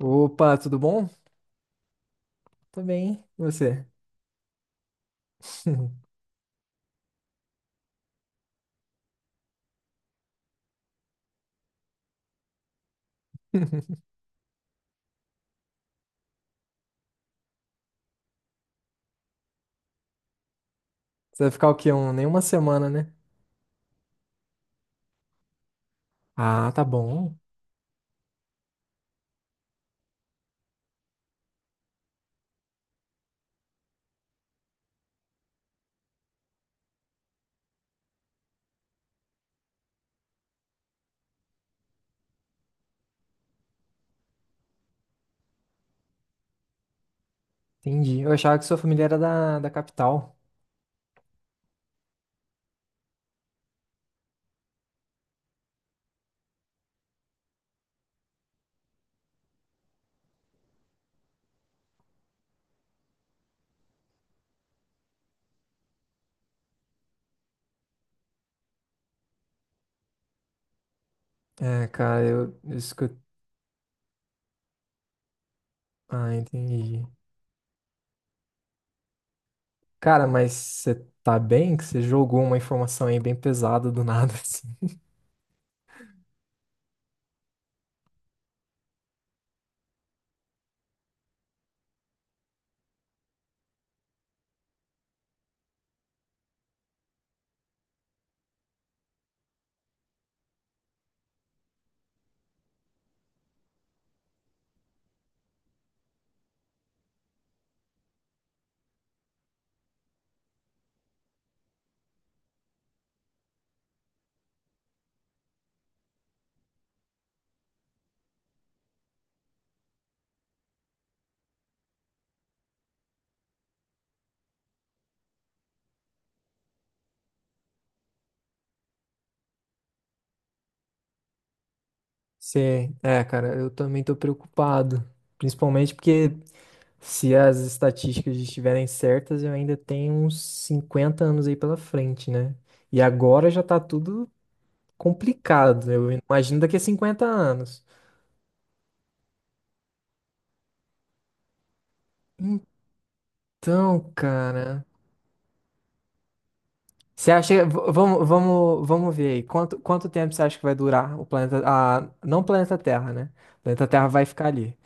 Opa, tudo bom? Tô bem, e você? Você vai ficar o quê? Nem uma semana, né? Ah, tá bom. Entendi. Eu achava que sua família era da capital. É, cara, eu escutei. Ah, entendi. Cara, mas você tá bem? Que você jogou uma informação aí bem pesada do nada, assim. É, cara, eu também tô preocupado. Principalmente porque se as estatísticas estiverem certas, eu ainda tenho uns 50 anos aí pela frente, né? E agora já tá tudo complicado, eu imagino daqui a 50 anos. Então, cara, você acha, vamos ver aí, quanto tempo você acha que vai durar o planeta, não o planeta Terra, né? O planeta Terra vai ficar ali,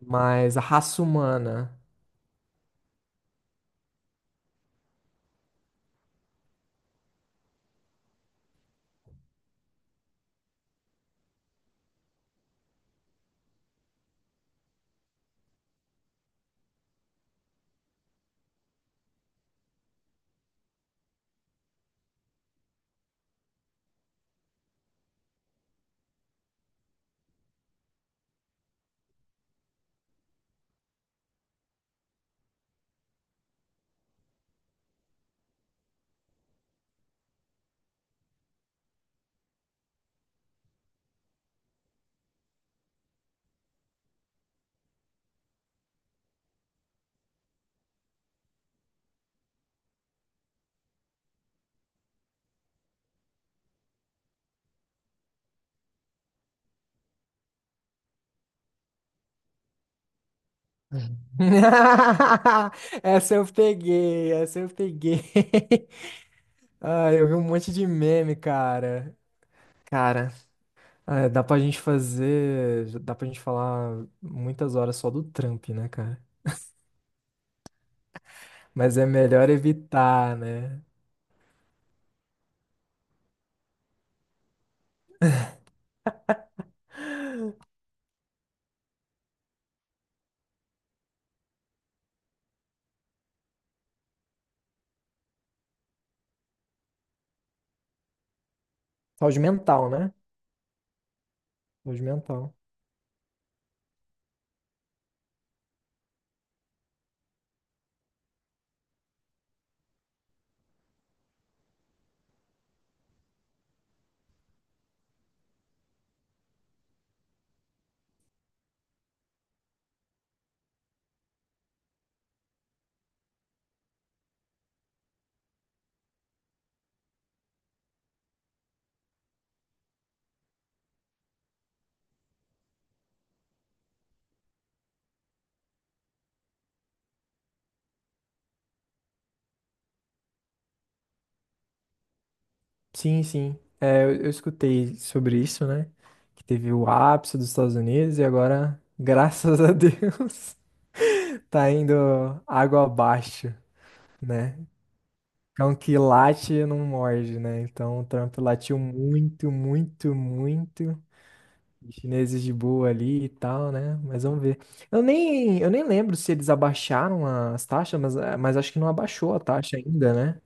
mas a raça humana. Essa eu peguei, essa eu peguei. Ah, eu vi um monte de meme, cara. Cara, ah, dá pra gente falar muitas horas só do Trump, né? Mas é melhor evitar, né? Saúde mental, né? Saúde mental. Sim, sim. É, eu escutei sobre isso, né? Que teve o ápice dos Estados Unidos e agora, graças a Deus, tá indo água abaixo, né? Cão que late não morde, né? Então o Trump latiu muito, muito, muito. Chineses de boa ali e tal, né? Mas vamos ver. Eu nem lembro se eles abaixaram as taxas, mas acho que não abaixou a taxa ainda, né?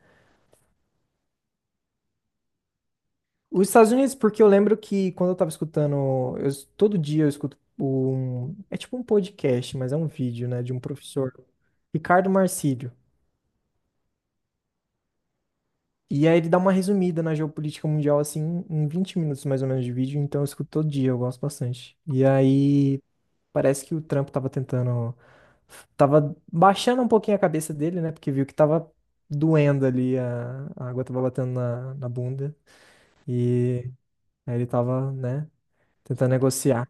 Os Estados Unidos, porque eu lembro que quando eu tava escutando, todo dia eu escuto é tipo um podcast, mas é um vídeo, né, de um professor, Ricardo Marcílio. E aí ele dá uma resumida na geopolítica mundial, assim, em 20 minutos mais ou menos de vídeo, então eu escuto todo dia, eu gosto bastante. E aí parece que o Trump tava tentando. Tava baixando um pouquinho a cabeça dele, né? Porque viu que tava doendo ali, a água tava batendo na bunda. E aí ele tava, né, tentando negociar.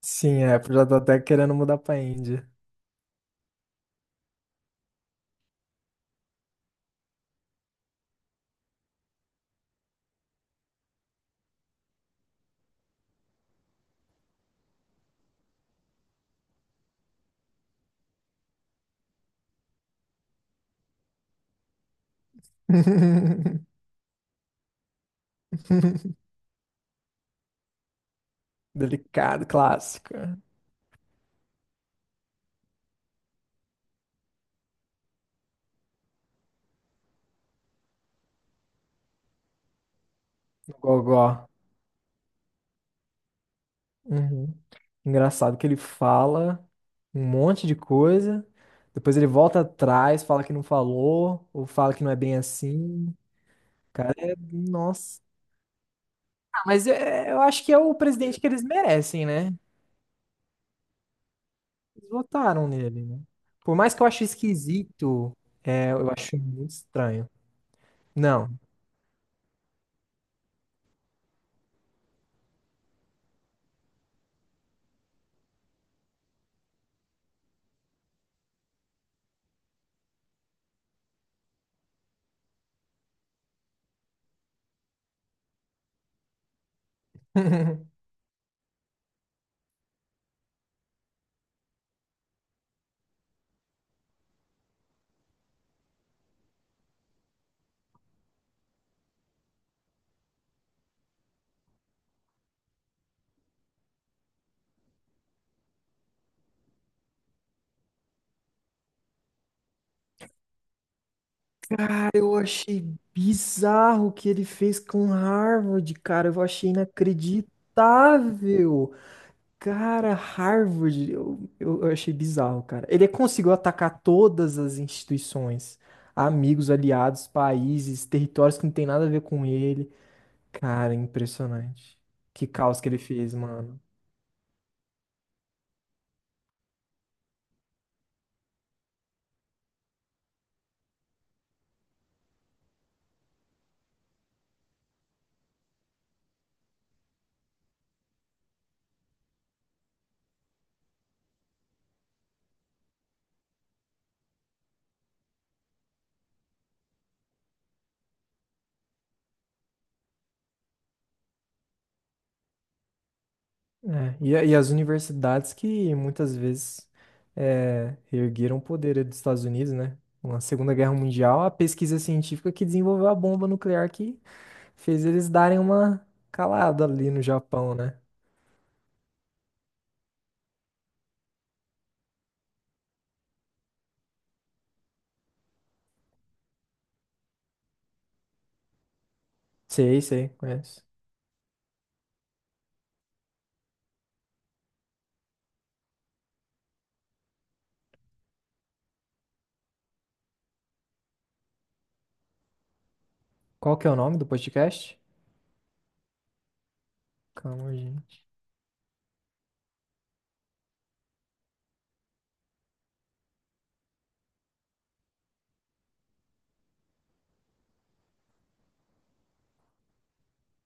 Sim, é, já tô até querendo mudar pra Índia. Delicado, clássico. Gogó. Uhum. Engraçado que ele fala um monte de coisa, depois ele volta atrás, fala que não falou, ou fala que não é bem assim. Nossa. Mas eu acho que é o presidente que eles merecem, né? Eles votaram nele, né? Por mais que eu ache esquisito, eu acho muito estranho. Não. Cara, eu achei bizarro o que ele fez com Harvard, cara. Eu achei inacreditável. Cara, Harvard, eu achei bizarro, cara. Ele conseguiu atacar todas as instituições, amigos, aliados, países, territórios que não tem nada a ver com ele. Cara, impressionante. Que caos que ele fez, mano. É, e as universidades que muitas vezes reergueram o poder dos Estados Unidos, né? Na Segunda Guerra Mundial, a pesquisa científica que desenvolveu a bomba nuclear que fez eles darem uma calada ali no Japão, né? Sei, sei, conheço. Qual que é o nome do podcast? Calma, gente.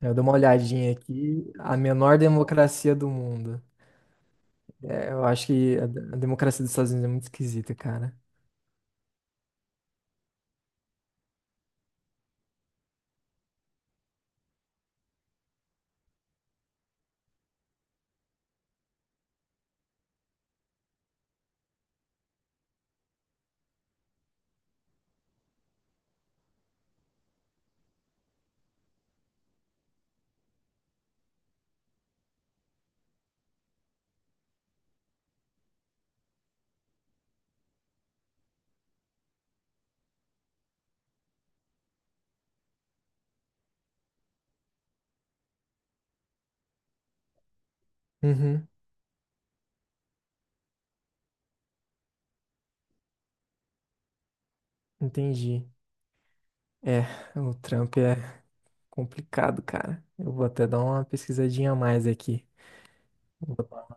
Eu dou uma olhadinha aqui. A menor democracia do mundo. É, eu acho que a democracia dos Estados Unidos é muito esquisita, cara. Uhum. Entendi. É, o Trump é complicado, cara. Eu vou até dar uma pesquisadinha a mais aqui. Vou-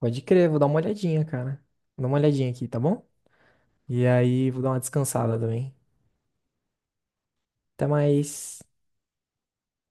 Pode crer, vou dar uma olhadinha, cara. Vou dar uma olhadinha aqui, tá bom? E aí, vou dar uma descansada também. Até mais.